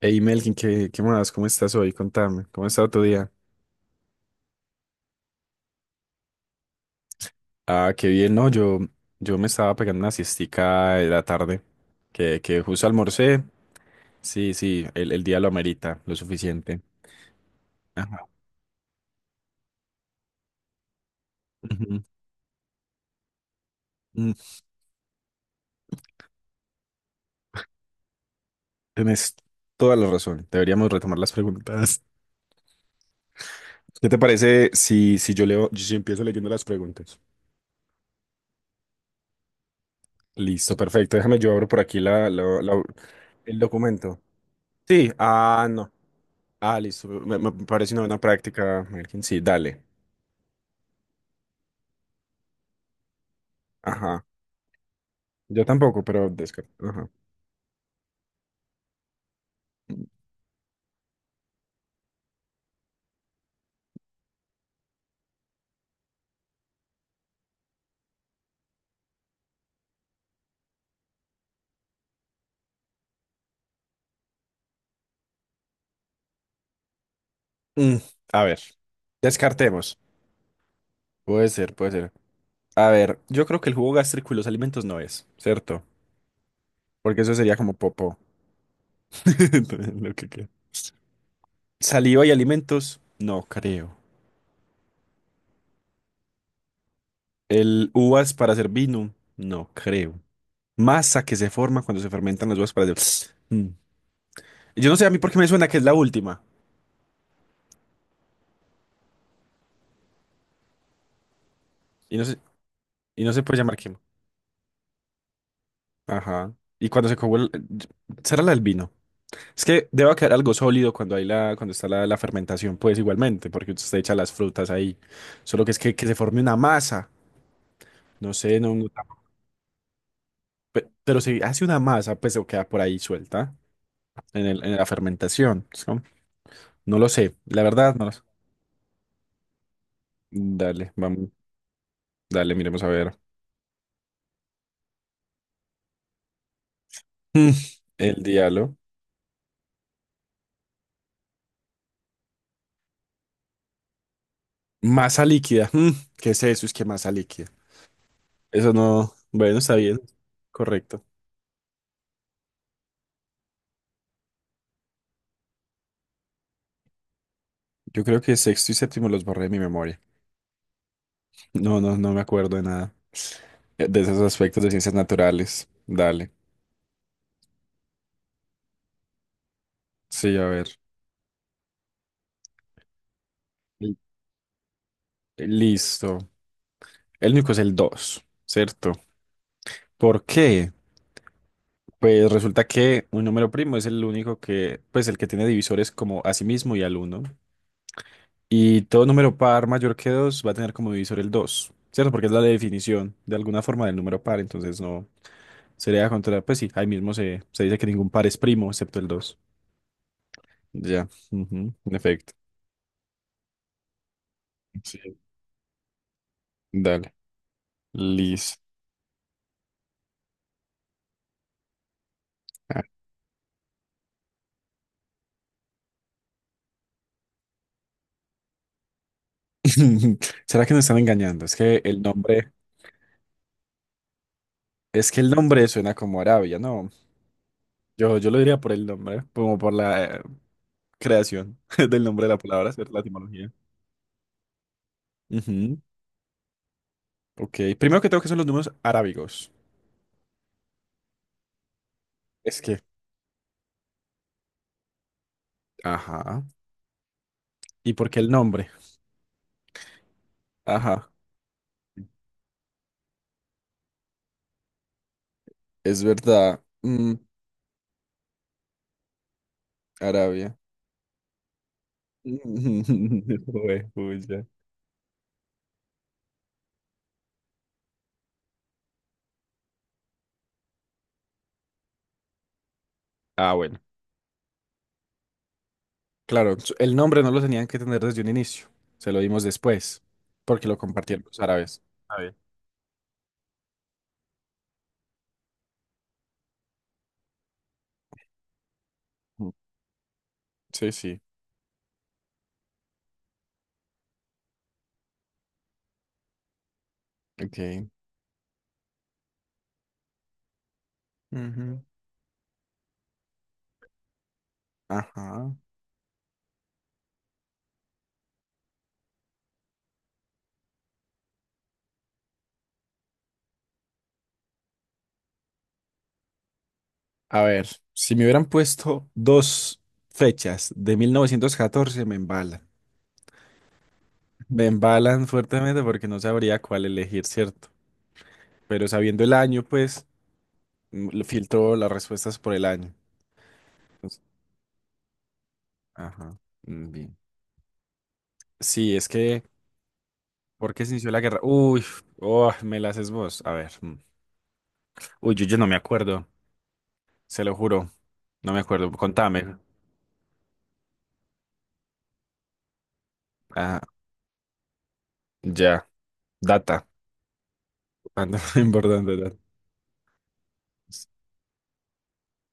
Hey Melkin, ¿qué más? ¿Cómo estás hoy? Contame, ¿cómo ha estado tu día? Ah, qué bien, no, yo me estaba pegando una siestica de la tarde, que justo almorcé. Sí, sí, el día lo amerita, lo suficiente. Ajá. Ujú. Mm, Tienes toda la razón, deberíamos retomar las preguntas. ¿Qué te parece si yo leo, si empiezo leyendo las preguntas? Listo, perfecto, déjame yo abro por aquí el documento. Sí, ah, no. Ah, listo. Me parece una buena práctica, Melkin. Sí, dale. Ajá. Yo tampoco, pero descarté. Ajá. Mm, a ver, descartemos. Puede ser, puede ser. A ver, yo creo que el jugo gástrico y los alimentos no es, ¿cierto? Porque eso sería como popó. Lo que queda. Saliva y alimentos, no creo. El uvas para hacer vino, no creo. Masa que se forma cuando se fermentan las uvas para hacer. Mm. Yo no sé a mí por qué me suena que es la última. Y no sé, y no se puede llamar quema. Ajá. Y cuando se coge el... ¿Será la del vino? Es que debe quedar algo sólido cuando hay la, cuando está la fermentación, pues igualmente, porque usted echa las frutas ahí. Solo que es que se forme una masa. No sé, no, no tan- pe- pero si hace una masa, pues se queda por ahí suelta en el, en la fermentación, ¿no? No lo sé, la verdad no lo sé. Dale, vamos, dale, miremos a ver. Mm, el diablo. Masa líquida. ¿Qué es eso? Es que masa líquida. Eso no. Bueno, está bien. Correcto. Yo creo que sexto y séptimo los borré de mi memoria. No, no, no me acuerdo de nada, de esos aspectos de ciencias naturales. Dale. Sí, a ver. L- Listo. El único es el 2, ¿cierto? ¿Por qué? Pues resulta que un número primo es el único que, pues el que tiene divisores como a sí mismo y al uno. Y todo número par mayor que 2 va a tener como divisor el 2, ¿cierto? Porque es la definición de alguna forma del número par, entonces no sería contra, pues sí, ahí mismo se dice que ningún par es primo excepto el dos. Ya, ujú, en efecto. Sí. Dale, listo. ¿Será que nos están engañando? Es que el nombre, es que el nombre suena como Arabia, ¿no? Yo lo diría por el nombre, como por la creación del nombre de la palabra, ¿cierto? La etimología. Ujú. Ok, primero que tengo que son los números arábigos. Es que, ajá. ¿Y por qué el nombre? Ajá, es verdad. Mm, Arabia. Juepucha. Ah, bueno. Claro, su- el nombre no lo tenían que tener desde un inicio. Se lo dimos después, porque lo compartieron los árabes. Está bien. Sí, sí. Ok. Ujú. Ajá. A ver, si me hubieran puesto dos fechas de 1914 me embalan. Me embalan fuertemente porque no sabría cuál elegir, ¿cierto? Pero sabiendo el año, pues, mm, lo filtro las respuestas por el año. Entonces, ajá. Mm, bien. Sí, es que, ¿por qué se inició la guerra? Uy, oh, me las es vos. A ver. Mm. Uy, yo no me acuerdo. Se lo juro. No me acuerdo. Contame. Ah, ya. Data. Ah, no, importante.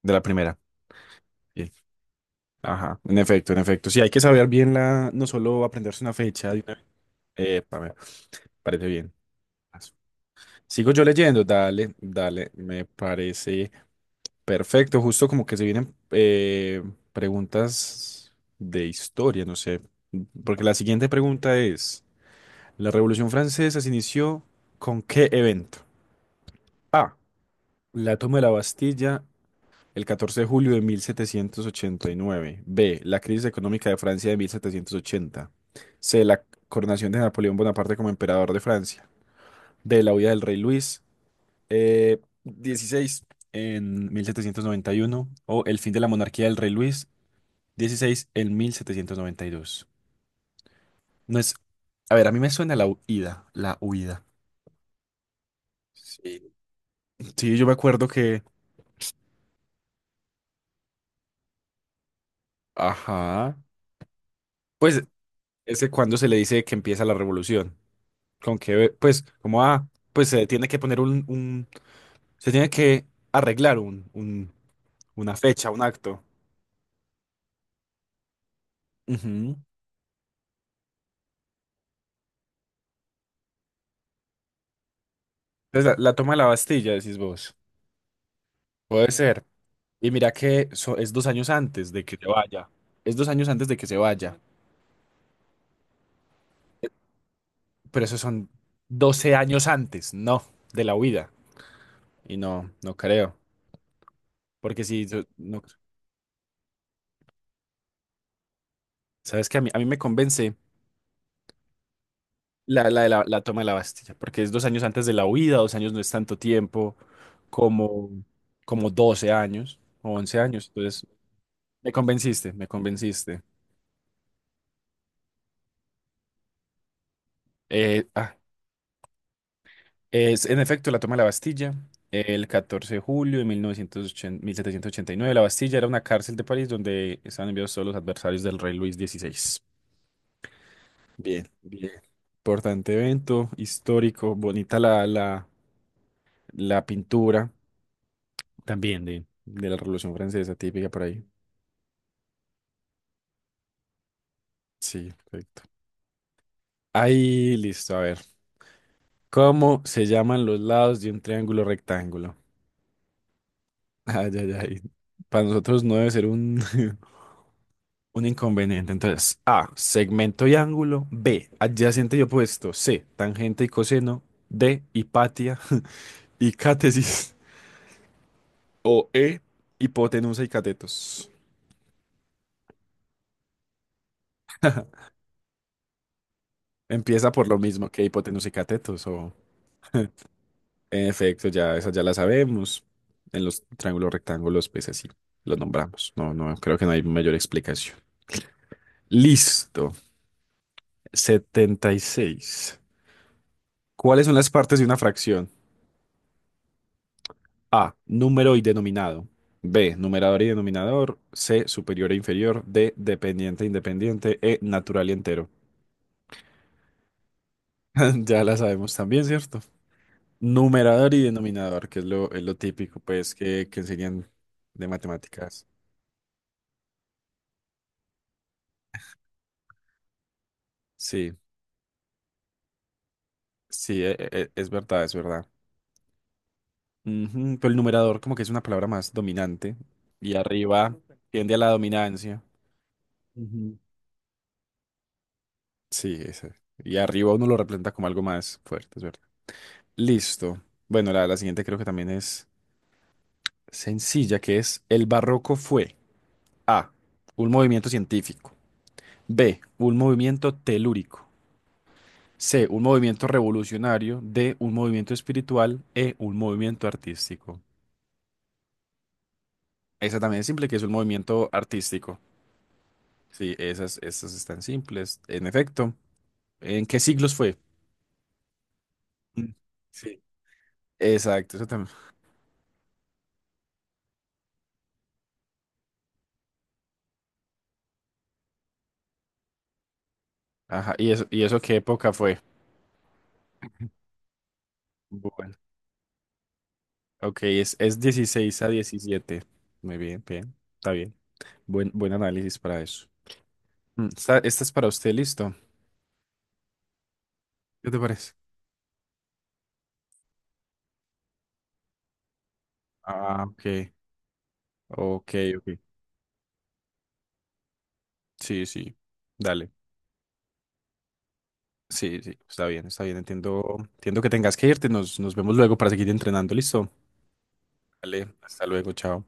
De la primera. Sí. Ajá, en efecto, en efecto. Sí, hay que saber bien la, no solo aprenderse una fecha de una- Epa, me parece bien. Sigo yo leyendo, dale, dale, me parece perfecto. Justo como que se vienen preguntas de historia, no sé. Porque la siguiente pregunta es, ¿la Revolución Francesa se inició con qué evento? A, la toma de la Bastilla el 14 de julio de 1789. B. La crisis económica de Francia de 1780. C. La coronación de Napoleón Bonaparte como emperador de Francia. D. La huida del rey Luis XVI en 1791. O el fin de la monarquía del rey Luis dieciséis en 1792. No es... A ver, a mí me suena la huida. La huida. Sí. Sí, yo me acuerdo que... Ajá. Pues ese cuando se le dice que empieza la revolución. Con que, pues, como ah, pues se tiene que poner un- se tiene que arreglar un- una fecha, un acto. Ujú. Entonces, la toma de la Bastilla, decís vos. Puede ser. Y mira que so- es dos años antes de que se vaya. Es 2 años antes de que se vaya. Pero esos son 12 años antes, no, de la huida. Y no, no creo. Porque si, yo- no, sabes que a mí me convence la toma de la Bastilla, porque es 2 años antes de la huida, 2 años no es tanto tiempo como, como 12 años o 11 años. Entonces, me convenciste, me convenciste. Eh, ah, es en efecto la toma de la Bastilla, el 14 de julio de mil novecientos ochenta ochenta setecientos ochenta y nueve. La Bastilla era una cárcel de París donde estaban enviados todos los adversarios del rey Luis dieciséis. Bien, bien. Importante evento histórico, bonita la pintura también de la Revolución Francesa, típica por ahí. Sí, perfecto. Ahí, listo, a ver. ¿Cómo se llaman los lados de un triángulo rectángulo? Ay, ay, ay. Para nosotros no debe ser un, un inconveniente. Entonces, A, segmento y ángulo. B, adyacente y opuesto. C, tangente y coseno. D, hipatia y cátesis. O E, hipotenusa y catetos. Empieza por lo mismo que hipotenusa y catetos, o en efecto, ya esa ya la sabemos. En los triángulos rectángulos, pues así los nombramos. No, no, creo que no hay mayor explicación. Listo. 76. ¿Cuáles son las partes de una fracción? A, número y denominado. B, numerador y denominador. C, superior e inferior. D, dependiente e independiente. E, natural y entero. Ya la sabemos también, ¿cierto? Numerador y denominador, que es lo, es, lo típico, pues, que enseñan de matemáticas. Sí. Sí, es verdad, es verdad. Ujú. Pero el numerador como que es una palabra más dominante y arriba tiende a la dominancia. Ujú. Sí, ese. Y arriba uno lo representa como algo más fuerte, es verdad. Listo. Bueno, la siguiente creo que también es sencilla, que es el barroco fue A, un movimiento científico. B, un movimiento telúrico. C, un movimiento revolucionario. D, un movimiento espiritual. E, un movimiento artístico. Esa también es simple, que es un movimiento artístico. Sí, esas, esas están simples. En efecto, ¿en qué siglos fue? Mm. Sí. Exacto, eso también. Ajá, y eso qué época fue? Bueno, ok, es 16 a 17. Muy bien, bien, está bien. Buen, buen análisis para eso. Esta, esta es para usted, ¿listo? ¿Qué te parece? Ah, ok, ok, ok. Sí, sí, dale. Sí, sí, está bien, entiendo. Entiendo que tengas que irte, nos vemos luego para seguir entrenando, ¿listo? Dale, hasta luego, chao.